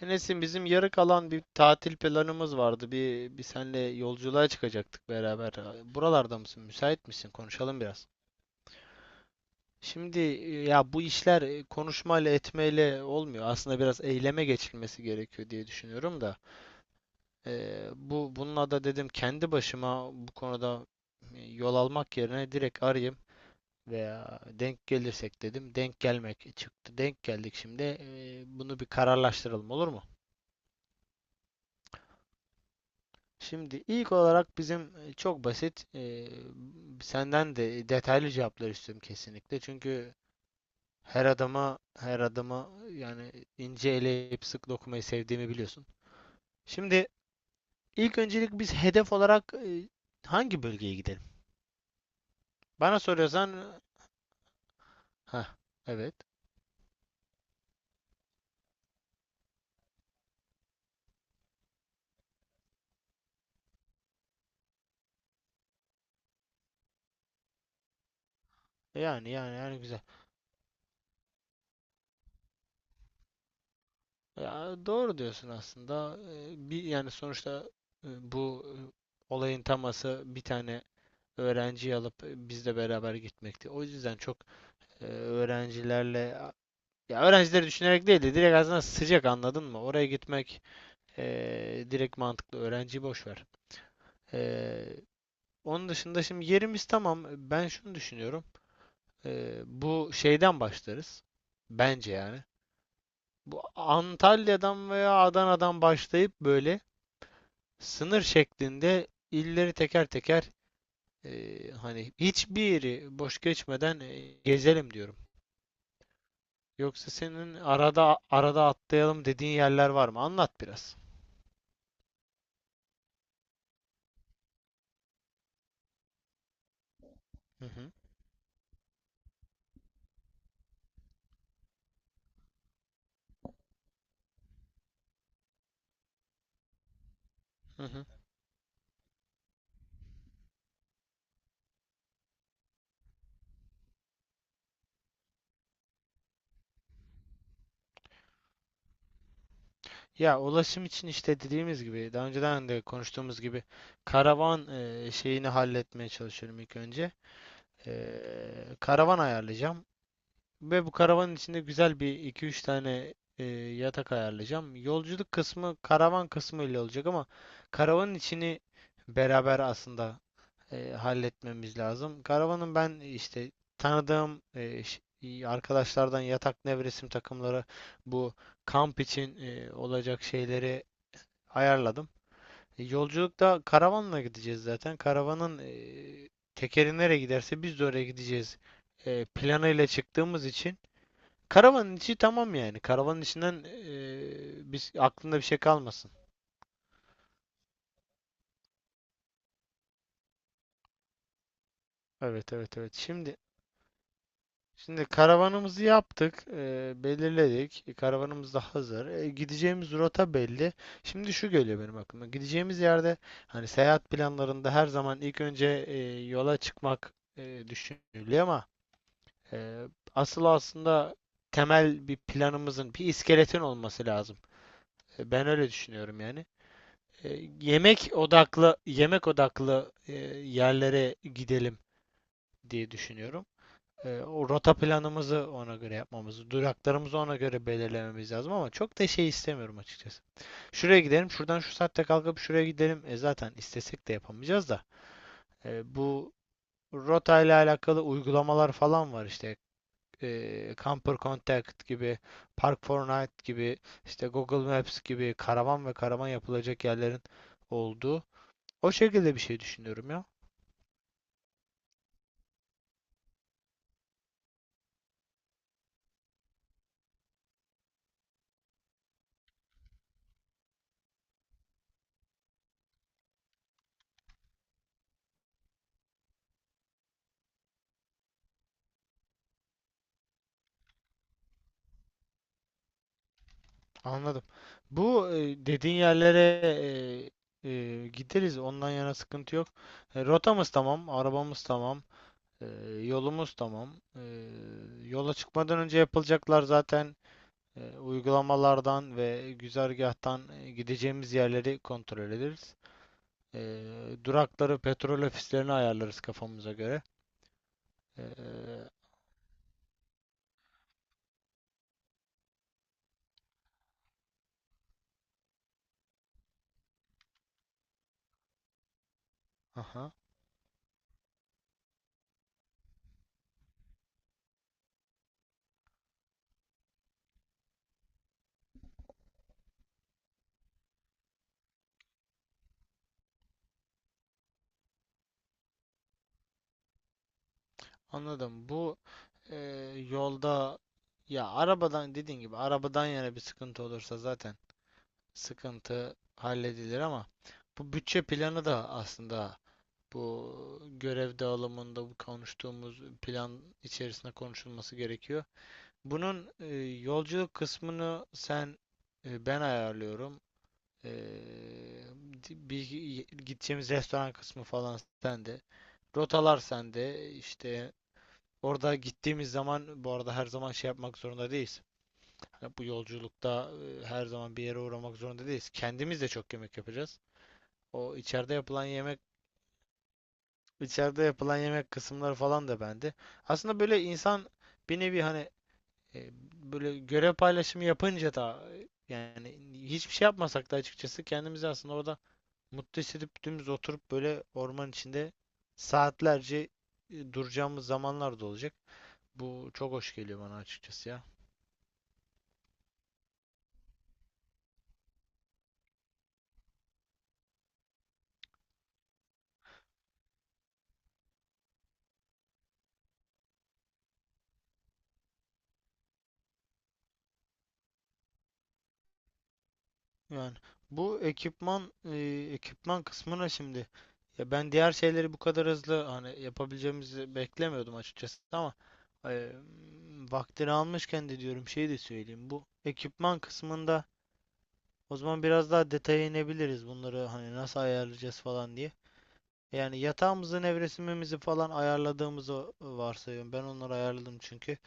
Enes'im bizim yarı kalan bir tatil planımız vardı. Bir senle yolculuğa çıkacaktık beraber. Buralarda mısın? Müsait misin? Konuşalım biraz. Şimdi ya bu işler konuşmayla etmeyle olmuyor. Aslında biraz eyleme geçilmesi gerekiyor diye düşünüyorum da. Bu bununla da dedim kendi başıma bu konuda yol almak yerine direkt arayayım veya denk gelirsek dedim. Denk gelmek çıktı. Denk geldik şimdi. Bunu bir kararlaştıralım, olur mu? Şimdi ilk olarak bizim çok basit senden de detaylı cevaplar istiyorum kesinlikle. Çünkü her adama yani ince eleyip sık dokumayı sevdiğimi biliyorsun. Şimdi ilk öncelik biz hedef olarak hangi bölgeye gidelim? Bana soruyorsan ha, evet. Yani yani yani güzel. Ya, doğru diyorsun aslında. Bir yani sonuçta bu olayın taması bir tane öğrenciyi alıp bizle beraber gitmekti. O yüzden çok öğrencilerle ya öğrencileri düşünerek değil de direkt aslında sıcak, anladın mı? Oraya gitmek e, direkt mantıklı. Öğrenciyi boş ver. E, Onun dışında şimdi yerimiz tamam. Ben şunu düşünüyorum. Bu şeyden başlarız. Bence yani. Bu Antalya'dan veya Adana'dan başlayıp böyle sınır şeklinde illeri teker teker hani hiçbiri boş geçmeden gezelim diyorum. Yoksa senin arada arada atlayalım dediğin yerler var mı? Anlat biraz. Hı hı. Hı hı. Ya, ulaşım için işte dediğimiz gibi daha önceden de konuştuğumuz gibi karavan şeyini halletmeye çalışıyorum ilk önce. E, Karavan ayarlayacağım ve bu karavanın içinde güzel bir iki üç tane yatak ayarlayacağım. Yolculuk kısmı karavan kısmı ile olacak ama karavanın içini beraber aslında halletmemiz lazım. Karavanın ben işte tanıdığım arkadaşlardan yatak nevresim takımları bu kamp için olacak şeyleri ayarladım. Yolculukta karavanla gideceğiz zaten. Karavanın tekeri nereye giderse biz de oraya gideceğiz planıyla çıktığımız için. Karavanın içi tamam yani. Karavanın içinden biz aklında bir şey kalmasın. Evet evet evet. Şimdi karavanımızı yaptık, belirledik. Karavanımız da hazır. Gideceğimiz rota belli. Şimdi şu geliyor benim aklıma. Gideceğimiz yerde hani seyahat planlarında her zaman ilk önce yola çıkmak düşünülüyor ama e, asıl aslında temel bir planımızın, bir iskeletin olması lazım. Ben öyle düşünüyorum yani. E, Yemek odaklı, yemek odaklı yerlere gidelim diye düşünüyorum. O rota planımızı ona göre yapmamız, duraklarımızı ona göre belirlememiz lazım ama çok da şey istemiyorum açıkçası. Şuraya gidelim, şuradan şu saatte kalkıp şuraya gidelim. E zaten istesek de yapamayacağız da. Bu rota ile alakalı uygulamalar falan var işte. Camper Contact gibi, Park Fortnite gibi, işte Google Maps gibi karavan ve karavan yapılacak yerlerin olduğu. O şekilde bir şey düşünüyorum ya. Anladım. Bu dediğin yerlere gideriz. Ondan yana sıkıntı yok. Rotamız tamam, arabamız tamam, e, yolumuz tamam. E, Yola çıkmadan önce yapılacaklar zaten uygulamalardan ve güzergahtan gideceğimiz yerleri kontrol ederiz. E, Durakları, petrol ofislerini ayarlarız kafamıza göre. E, aha. Anladım. Bu e, yolda ya arabadan, dediğin gibi arabadan yana bir sıkıntı olursa zaten sıkıntı halledilir ama bu bütçe planı da aslında bu görev dağılımında, bu konuştuğumuz plan içerisinde konuşulması gerekiyor. Bunun yolculuk kısmını sen, ben ayarlıyorum. E, Bir gideceğimiz restoran kısmı falan sende. Rotalar sende, İşte. Orada gittiğimiz zaman bu arada her zaman şey yapmak zorunda değiliz. Hani bu yolculukta her zaman bir yere uğramak zorunda değiliz. Kendimiz de çok yemek yapacağız. O içeride yapılan yemek, içeride yapılan yemek kısımları falan da bende. Aslında böyle insan bir nevi hani e, böyle görev paylaşımı yapınca da yani hiçbir şey yapmasak da açıkçası kendimizi aslında orada mutlu hissedip dümdüz oturup böyle orman içinde saatlerce duracağımız zamanlar da olacak. Bu çok hoş geliyor bana açıkçası ya. Yani bu ekipman ekipman kısmına şimdi, ya ben diğer şeyleri bu kadar hızlı hani yapabileceğimizi beklemiyordum açıkçası ama e, vaktini almışken de diyorum, şey de söyleyeyim bu ekipman kısmında o zaman biraz daha detaya inebiliriz, bunları hani nasıl ayarlayacağız falan diye. Yani yatağımızı, nevresimimizi falan ayarladığımızı varsayıyorum. Ben onları ayarladım çünkü.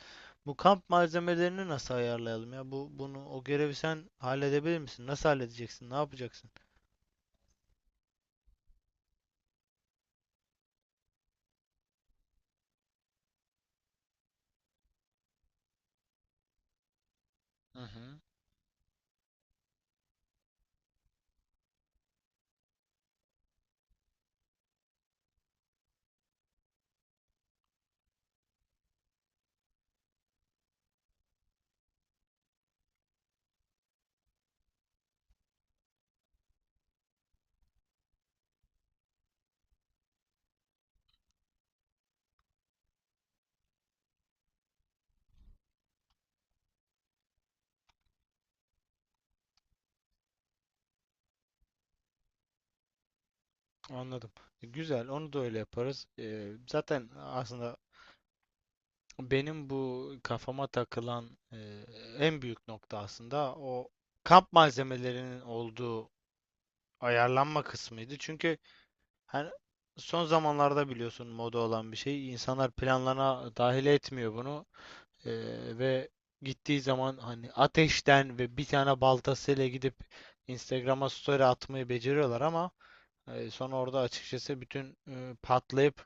Bu kamp malzemelerini nasıl ayarlayalım ya? Bu o görevi sen halledebilir misin? Nasıl halledeceksin? Ne yapacaksın? Hı hı, anladım. Güzel, onu da öyle yaparız. Zaten aslında benim bu kafama takılan en büyük nokta aslında o kamp malzemelerinin olduğu ayarlanma kısmıydı. Çünkü hani son zamanlarda biliyorsun moda olan bir şey. İnsanlar planlarına dahil etmiyor bunu. Ve gittiği zaman hani ateşten ve bir tane baltasıyla gidip Instagram'a story atmayı beceriyorlar ama sonra orada açıkçası bütün patlayıp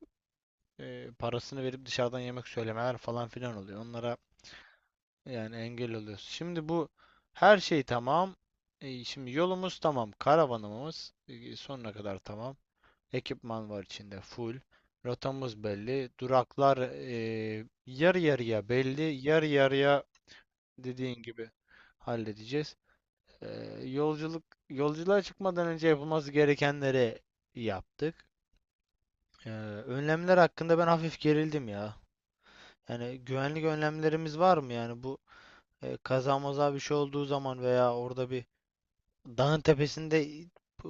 parasını verip dışarıdan yemek söylemeler falan filan oluyor. Onlara yani engel oluyorsun. Şimdi bu her şey tamam. Şimdi yolumuz tamam. Karavanımız sonuna kadar tamam. Ekipman var içinde full. Rotamız belli. Duraklar yarı yarıya belli. Yarı yarıya, dediğin gibi halledeceğiz. E, Yolculuk yolculuğa çıkmadan önce yapılması gerekenleri yaptık. Ee, Önlemler hakkında ben hafif gerildim ya. Yani güvenlik önlemlerimiz var mı? Yani bu kaza maza bir şey olduğu zaman veya orada bir dağın tepesinde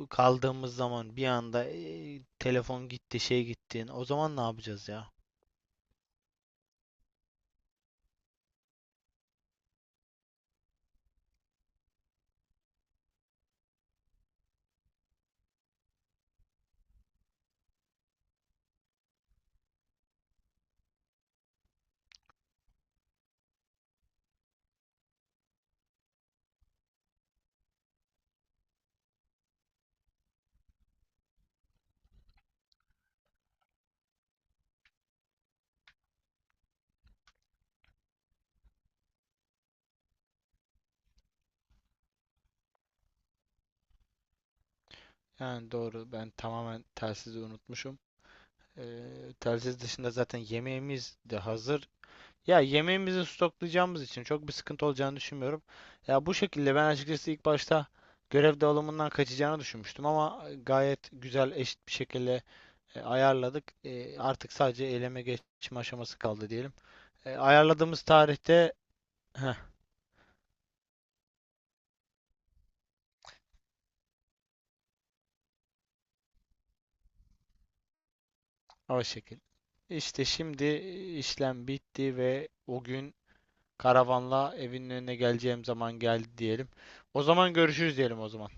kaldığımız zaman bir anda telefon gitti, şey gitti. O zaman ne yapacağız ya? Yani doğru, ben tamamen telsizi unutmuşum. Telsiz dışında zaten yemeğimiz de hazır. Ya yemeğimizi stoklayacağımız için çok bir sıkıntı olacağını düşünmüyorum. Ya bu şekilde ben açıkçası ilk başta görev dağılımından kaçacağını düşünmüştüm ama gayet güzel eşit bir şekilde ayarladık. Artık sadece eyleme geçme aşaması kaldı diyelim. Ayarladığımız tarihte heh, o şekil. İşte şimdi işlem bitti ve o gün karavanla evinin önüne geleceğim zaman geldi diyelim. O zaman görüşürüz diyelim o zaman.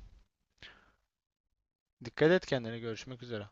Dikkat et kendine, görüşmek üzere.